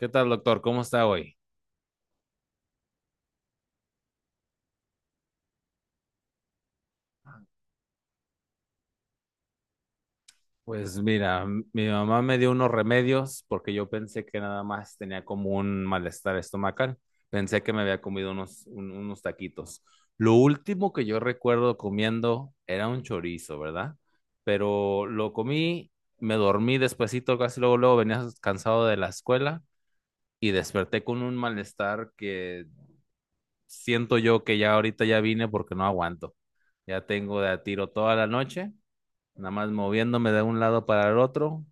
¿Qué tal, doctor? ¿Cómo está hoy? Pues mira, mi mamá me dio unos remedios porque yo pensé que nada más tenía como un malestar estomacal. Pensé que me había comido unos, unos taquitos. Lo último que yo recuerdo comiendo era un chorizo, ¿verdad? Pero lo comí, me dormí despuesito, casi luego, luego venía cansado de la escuela y desperté con un malestar que siento yo que ya ahorita ya vine porque no aguanto. Ya tengo de a tiro toda la noche nada más moviéndome de un lado para el otro.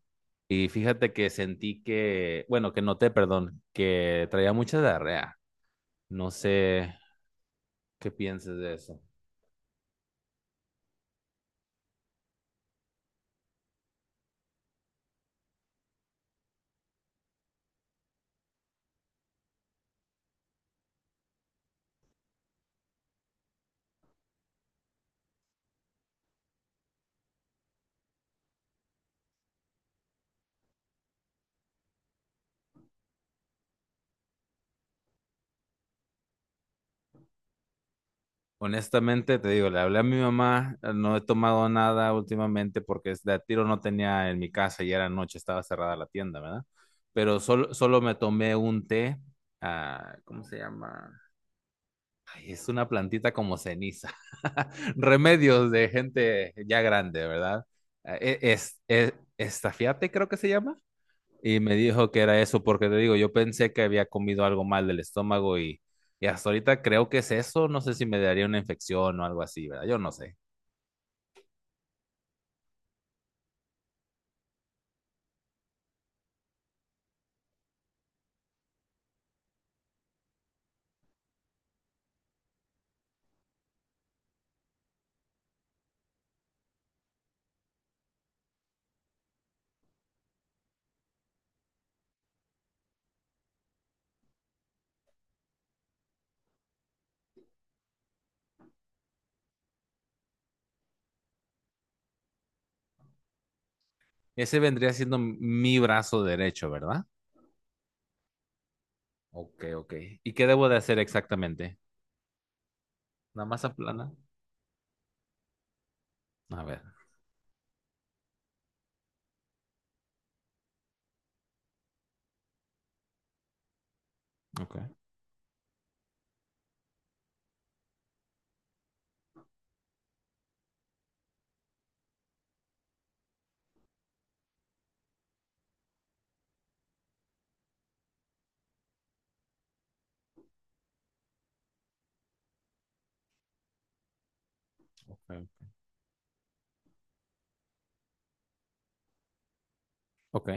Y fíjate que sentí que, bueno, que noté, perdón, que traía mucha diarrea. No sé qué pienses de eso. Honestamente, te digo, le hablé a mi mamá, no he tomado nada últimamente porque es de a tiro no tenía en mi casa y era noche, estaba cerrada la tienda, ¿verdad? Pero solo me tomé un té, ah, ¿cómo se llama? Ay, es una plantita como ceniza. Remedios de gente ya grande, ¿verdad? Estafiate, creo que se llama. Y me dijo que era eso, porque te digo, yo pensé que había comido algo mal del estómago y hasta ahorita creo que es eso. No sé si me daría una infección o algo así, ¿verdad? Yo no sé. Ese vendría siendo mi brazo derecho, ¿verdad? Ok, ok. ¿Y qué debo de hacer exactamente? ¿Una masa plana? A ver, ok. Ok. Ok.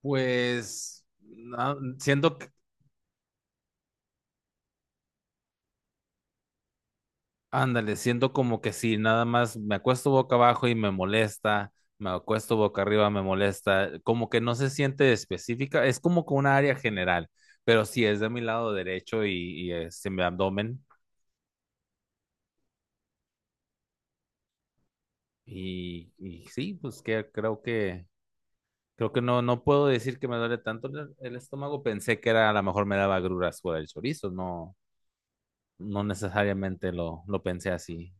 Pues no, siento que ándale, siento como que sí nada más me acuesto boca abajo y me molesta, me acuesto boca arriba, me molesta, como que no se siente específica, es como que una área general, pero sí es de mi lado derecho y este, mi abdomen, y sí, pues que creo que, creo que no, no puedo decir que me duele tanto el estómago, pensé que era a lo mejor me daba agruras por el chorizo, no, no necesariamente lo pensé así.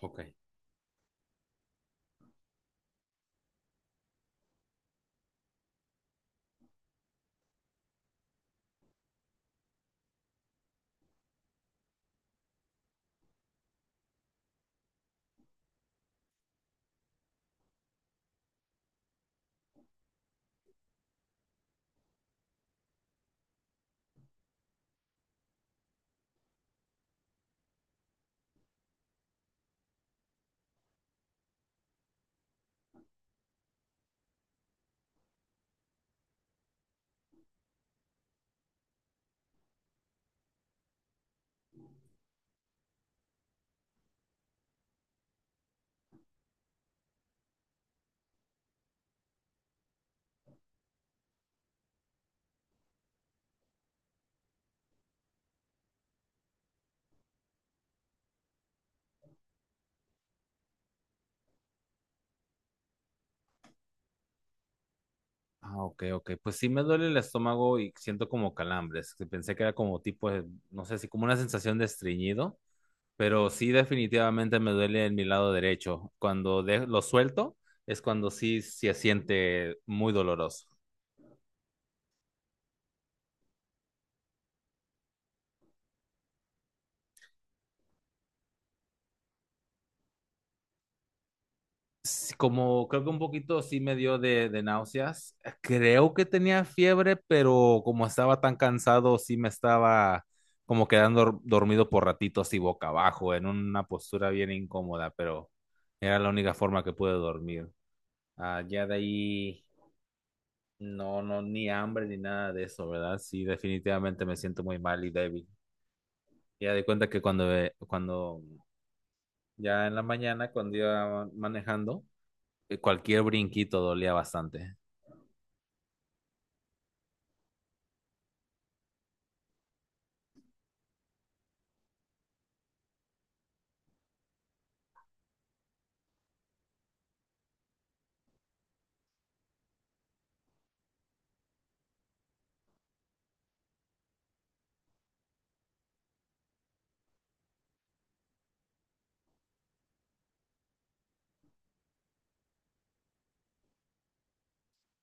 Ok. Ah, ok, ok. Pues sí me duele el estómago y siento como calambres. Que pensé que era como tipo, no sé si como una sensación de estreñido, pero sí definitivamente me duele en mi lado derecho. Cuando lo suelto es cuando sí se siente muy doloroso. Sí, como creo que un poquito sí me dio de náuseas. Creo que tenía fiebre, pero como estaba tan cansado, sí me estaba como quedando dormido por ratitos y boca abajo, en una postura bien incómoda, pero era la única forma que pude dormir. Ah, ya de ahí, no, no, ni hambre ni nada de eso, ¿verdad? Sí, definitivamente me siento muy mal y débil. Ya di cuenta que cuando, cuando ya en la mañana, cuando iba manejando, cualquier brinquito dolía bastante.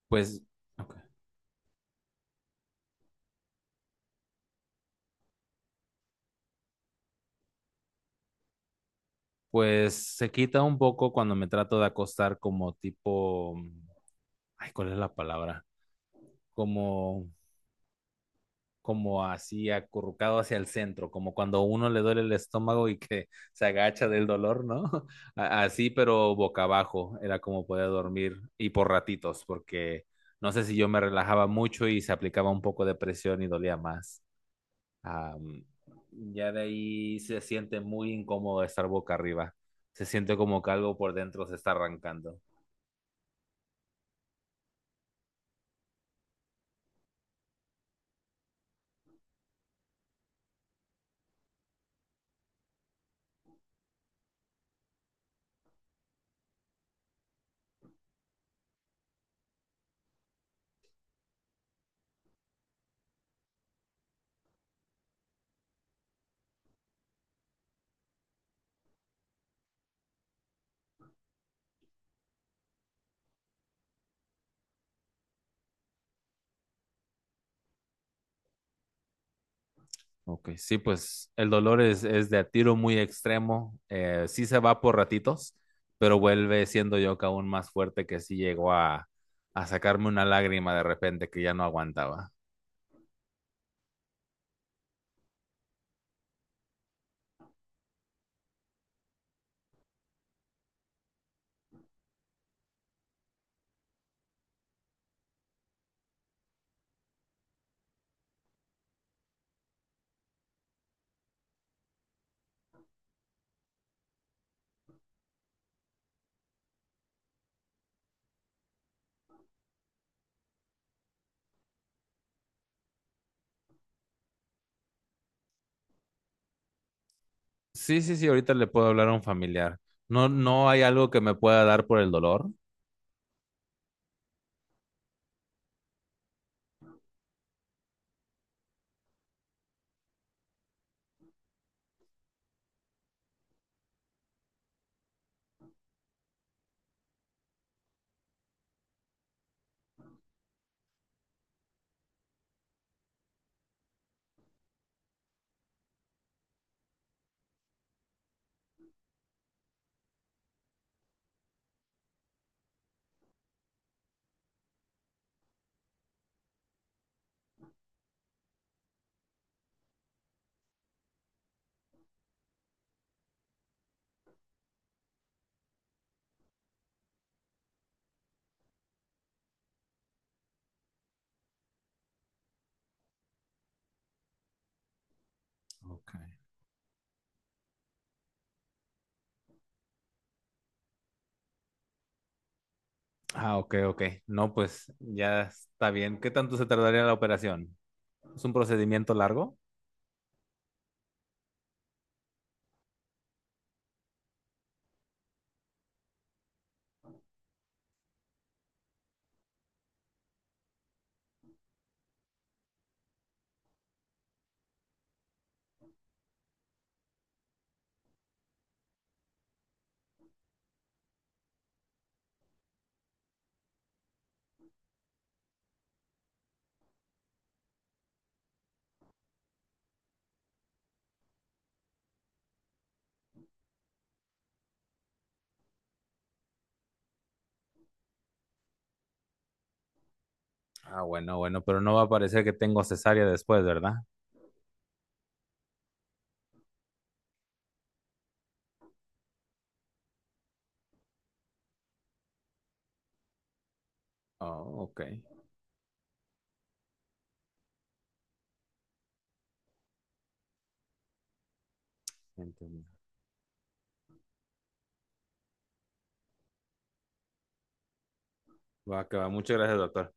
Pues, ok. Pues se quita un poco cuando me trato de acostar como tipo, ay, ¿cuál es la palabra? Como, como así acurrucado hacia el centro, como cuando a uno le duele el estómago y que se agacha del dolor, ¿no? Así, pero boca abajo, era como podía dormir y por ratitos, porque no sé si yo me relajaba mucho y se aplicaba un poco de presión y dolía más. Am, ya de ahí se siente muy incómodo estar boca arriba. Se siente como que algo por dentro se está arrancando. Ok, sí, pues el dolor es de a tiro muy extremo. Sí se va por ratitos, pero vuelve siendo yo que aún más fuerte que sí llegó a sacarme una lágrima de repente que ya no aguantaba. Sí, sí, sí, ahorita le puedo hablar a un familiar. No, no hay algo que me pueda dar por el dolor. Ok. Ah, ok, ok. No, pues ya está bien. ¿Qué tanto se tardaría la operación? ¿Es un procedimiento largo? Ah, bueno, bueno, pero no va a parecer que tengo cesárea después, ¿verdad? Ah, ok. Entiendo. Va, que va. Muchas gracias, doctor.